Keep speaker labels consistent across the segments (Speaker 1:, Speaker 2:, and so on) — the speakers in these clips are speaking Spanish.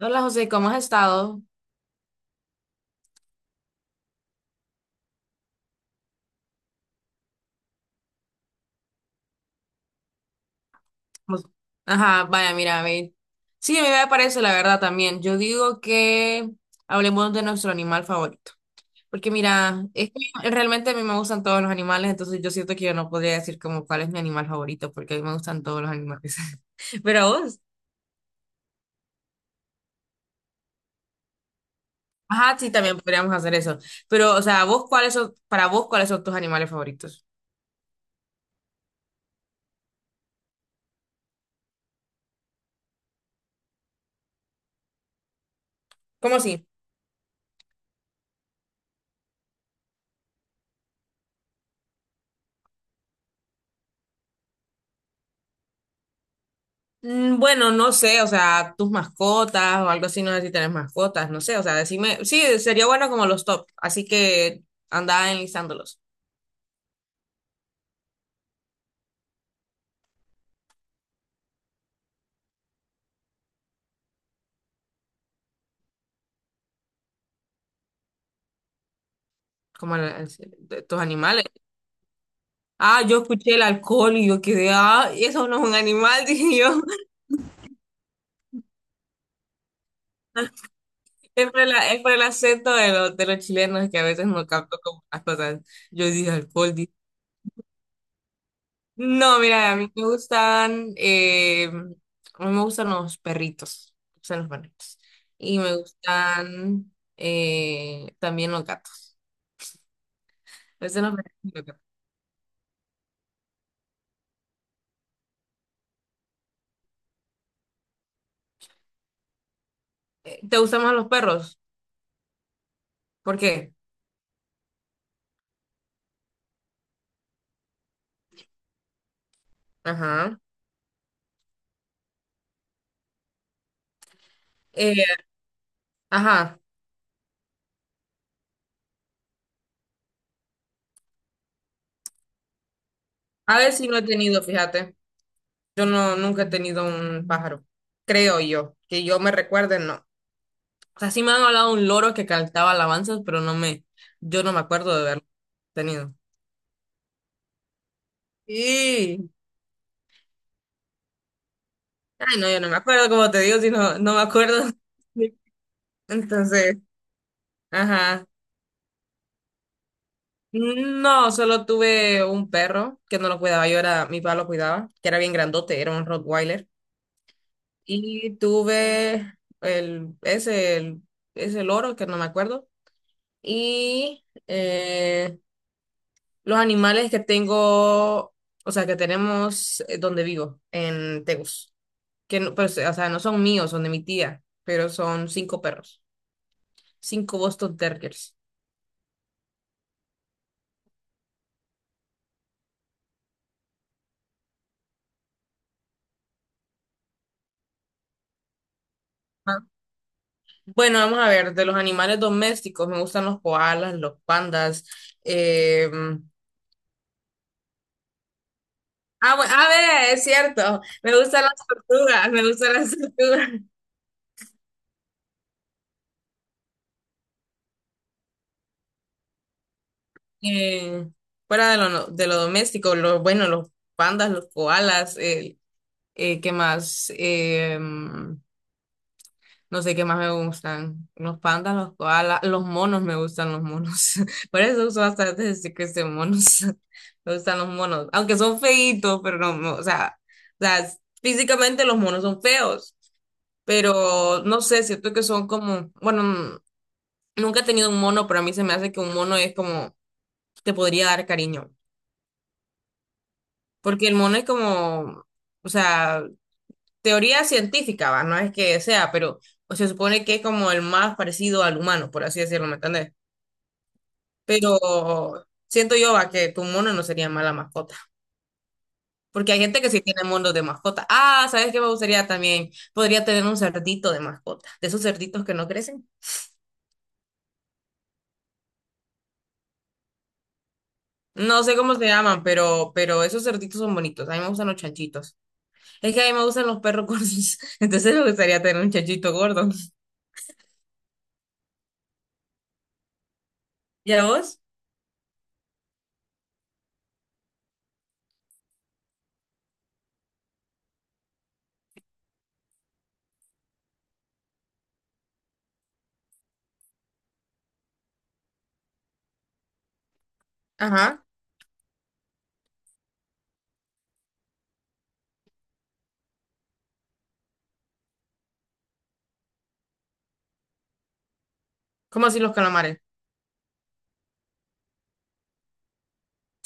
Speaker 1: Hola José, ¿cómo has estado? Pues- Ajá, vaya, mira, a mí. Sí, a mí me parece la verdad también. Yo digo que hablemos de nuestro animal favorito. Porque mira, es que realmente a mí me gustan todos los animales, entonces yo siento que yo no podría decir como cuál es mi animal favorito, porque a mí me gustan todos los animales. Pero a vos. Ajá, sí, también podríamos hacer eso. Pero, o sea, vos, ¿Para vos, cuáles son tus animales favoritos? ¿Cómo así? Bueno, no sé, o sea, tus mascotas o algo así, no sé si tenés mascotas, no sé, o sea, decime, sí, sería bueno como los top, así que anda enlistándolos, como de tus animales. Ah, yo escuché el alcohol y yo quedé, ah, y eso no es un animal, dije yo. Es por el acento de los chilenos que a veces no capto como las cosas. Yo dije alcohol. No, mira, a mí me gustan, a mí me gustan los perritos, me gustan los perritos. Y me gustan también los gatos. Me gustan los perritos y los gatos. ¿Te gustan más los perros? ¿Por qué? Ajá. Eh, ajá. A ver, si no he tenido, fíjate. Yo no, nunca he tenido un pájaro. Creo yo. Que yo me recuerde, no. O sea, sí me han hablado de un loro que cantaba alabanzas, pero no me, yo no me acuerdo de haberlo tenido. Sí. Ay, no, yo no me acuerdo, como te digo, si no, no me acuerdo. Entonces, ajá. No, solo tuve un perro que no lo cuidaba, yo era, mi papá lo cuidaba, que era bien grandote, era un Rottweiler. Y tuve el, ese, el, ese loro, que no me acuerdo. Y los animales que tengo, o sea, que tenemos donde vivo, en Tegus. Que no, pues, o sea, no son míos, son de mi tía, pero son cinco perros, cinco Boston Terriers. Ah, bueno, vamos a ver, de los animales domésticos me gustan los koalas, los pandas. eh, ah, bueno, a ver, es cierto, me gustan las tortugas, me gustan las tortugas. Eh, Fuera de lo doméstico, los, bueno, los pandas, los koalas, ¿qué más? No sé qué más me gustan. Los pandas, los koalas, los monos, me gustan los monos. Por eso uso bastante decir que son monos. Me gustan los monos. Aunque son feitos, pero no, no, o sea, físicamente los monos son feos. Pero no sé, siento que son como, bueno, nunca he tenido un mono, pero a mí se me hace que un mono es como, te podría dar cariño. Porque el mono es como, o sea, teoría científica, ¿va? No es que sea, pero o se supone que es como el más parecido al humano, por así decirlo, ¿me entendés? Pero siento yo a que tu mono no sería mala mascota. Porque hay gente que sí tiene monos de mascota. Ah, ¿sabes qué me gustaría también? Podría tener un cerdito de mascota. De esos cerditos que no crecen. No sé cómo se llaman, pero esos cerditos son bonitos. A mí me gustan los chanchitos. Es que a mí me gustan los perros gordos. Entonces me gustaría tener un chanchito gordo. ¿Y a vos? Ajá. ¿Cómo así los calamares?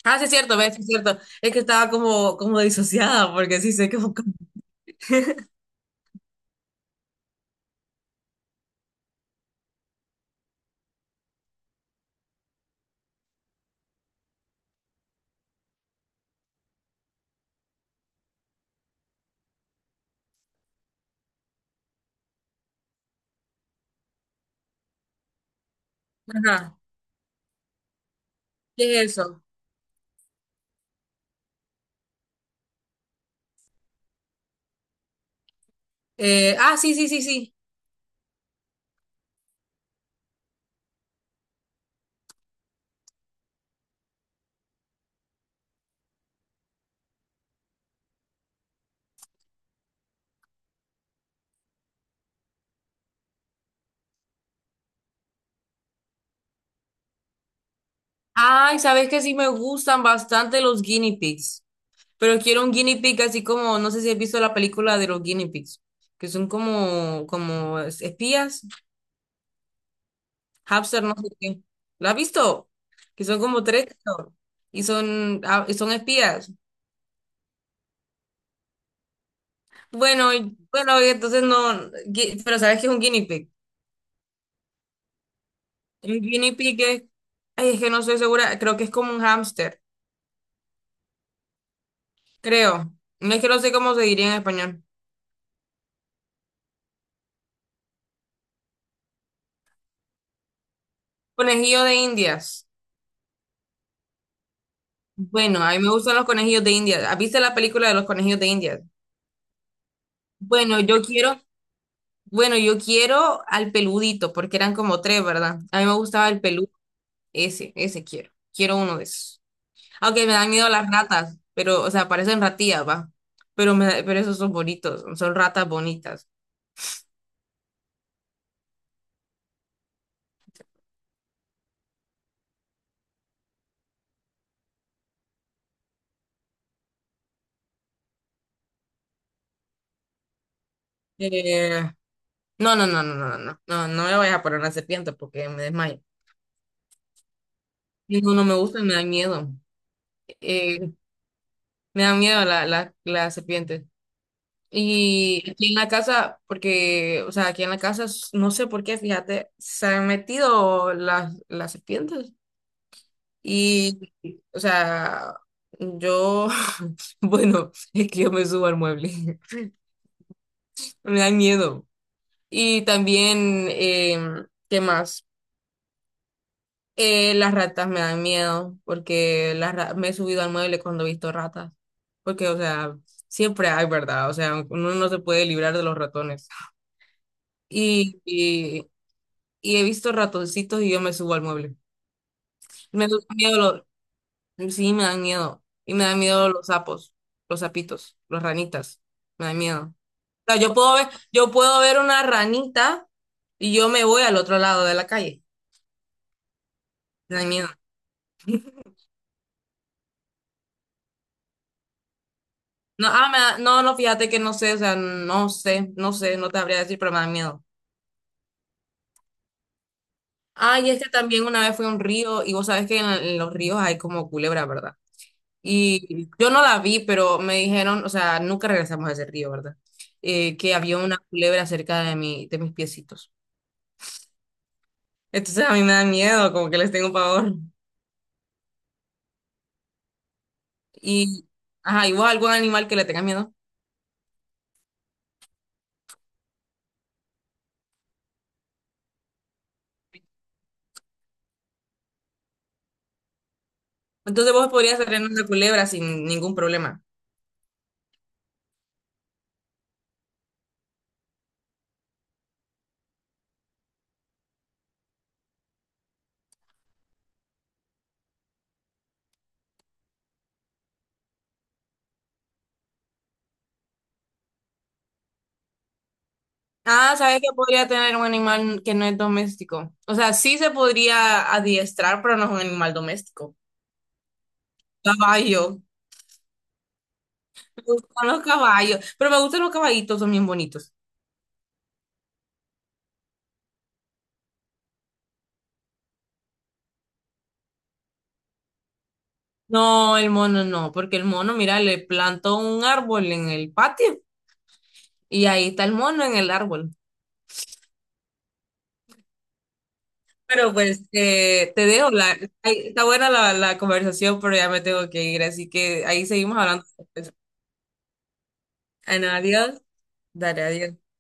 Speaker 1: Ah, sí es cierto, ves, sí es cierto. Es que estaba como disociada, porque sí sé que. Ajá. ¿Qué es eso? Ah, sí, sí, sí, sí. Ay, sabes que sí me gustan bastante los guinea pigs, pero quiero un guinea pig así como, no sé si has visto la película de los guinea pigs, que son como espías, hamster, no sé qué. ¿La has visto? Que son como tres creo, y son espías. Bueno, bueno, y entonces no, pero sabes que es un guinea pig. Un guinea pig es, ay, es que no estoy segura, creo que es como un hamster, creo. No, es que no sé cómo se diría en español. Conejillo de Indias. Bueno, a mí me gustan los conejillos de India. ¿Has visto la película de los conejillos de India? Bueno, yo quiero, bueno, yo quiero al peludito, porque eran como tres, ¿verdad? A mí me gustaba el peludo, ese quiero. Quiero uno de esos. Aunque me dan miedo las ratas, pero, o sea, parecen ratillas, va. Pero esos son bonitos, son ratas bonitas. Eh, no, no, no, no, no, no, no, no, no me vayas a poner una serpiente porque me desmayo. No, no me gustan, me dan miedo. Eh, Me dan miedo las serpientes. Y aquí en la casa, porque, o sea, aquí en la casa, no sé por qué, fíjate, se han metido las serpientes. Y, o sea, yo, bueno, es que yo me subo al mueble, me dan miedo. Y también, ¿qué más? Las ratas me dan miedo, porque me he subido al mueble cuando he visto ratas. Porque, o sea, siempre hay, ¿verdad? O sea, uno no se puede librar de los ratones. Y, y he visto ratoncitos y yo me subo al mueble. Me da miedo los, sí, me dan miedo. Y me dan miedo los sapos, los sapitos, los ranitas. Me dan miedo. O sea, yo puedo ver una ranita y yo me voy al otro lado de la calle. Me da miedo. No, ah, no, no, fíjate que no sé, o sea, no sé, no sé, no te habría decir, pero me dan miedo. Ah, y es que también una vez fui a un río y vos sabés que en los ríos hay como culebra, ¿verdad? Y yo no la vi, pero me dijeron, o sea, nunca regresamos a ese río, ¿verdad? Que había una culebra cerca de mis piecitos. Entonces a mí me da miedo, como que les tengo pavor. Y, ajá, ¿y vos algún animal que le tengas miedo? Entonces vos podrías tener una culebra sin ningún problema. Ah, ¿sabes que podría tener un animal que no es doméstico? O sea, sí se podría adiestrar, pero no es un animal doméstico. Caballo. Me gustan los caballos, pero me gustan los caballitos, son bien bonitos. No, el mono no, porque el mono, mira, le plantó un árbol en el patio y ahí está el mono en el árbol. Pero pues te dejo, ahí está buena la conversación, pero ya me tengo que ir, así que ahí seguimos hablando. Después. Bueno, adiós, dale, adiós.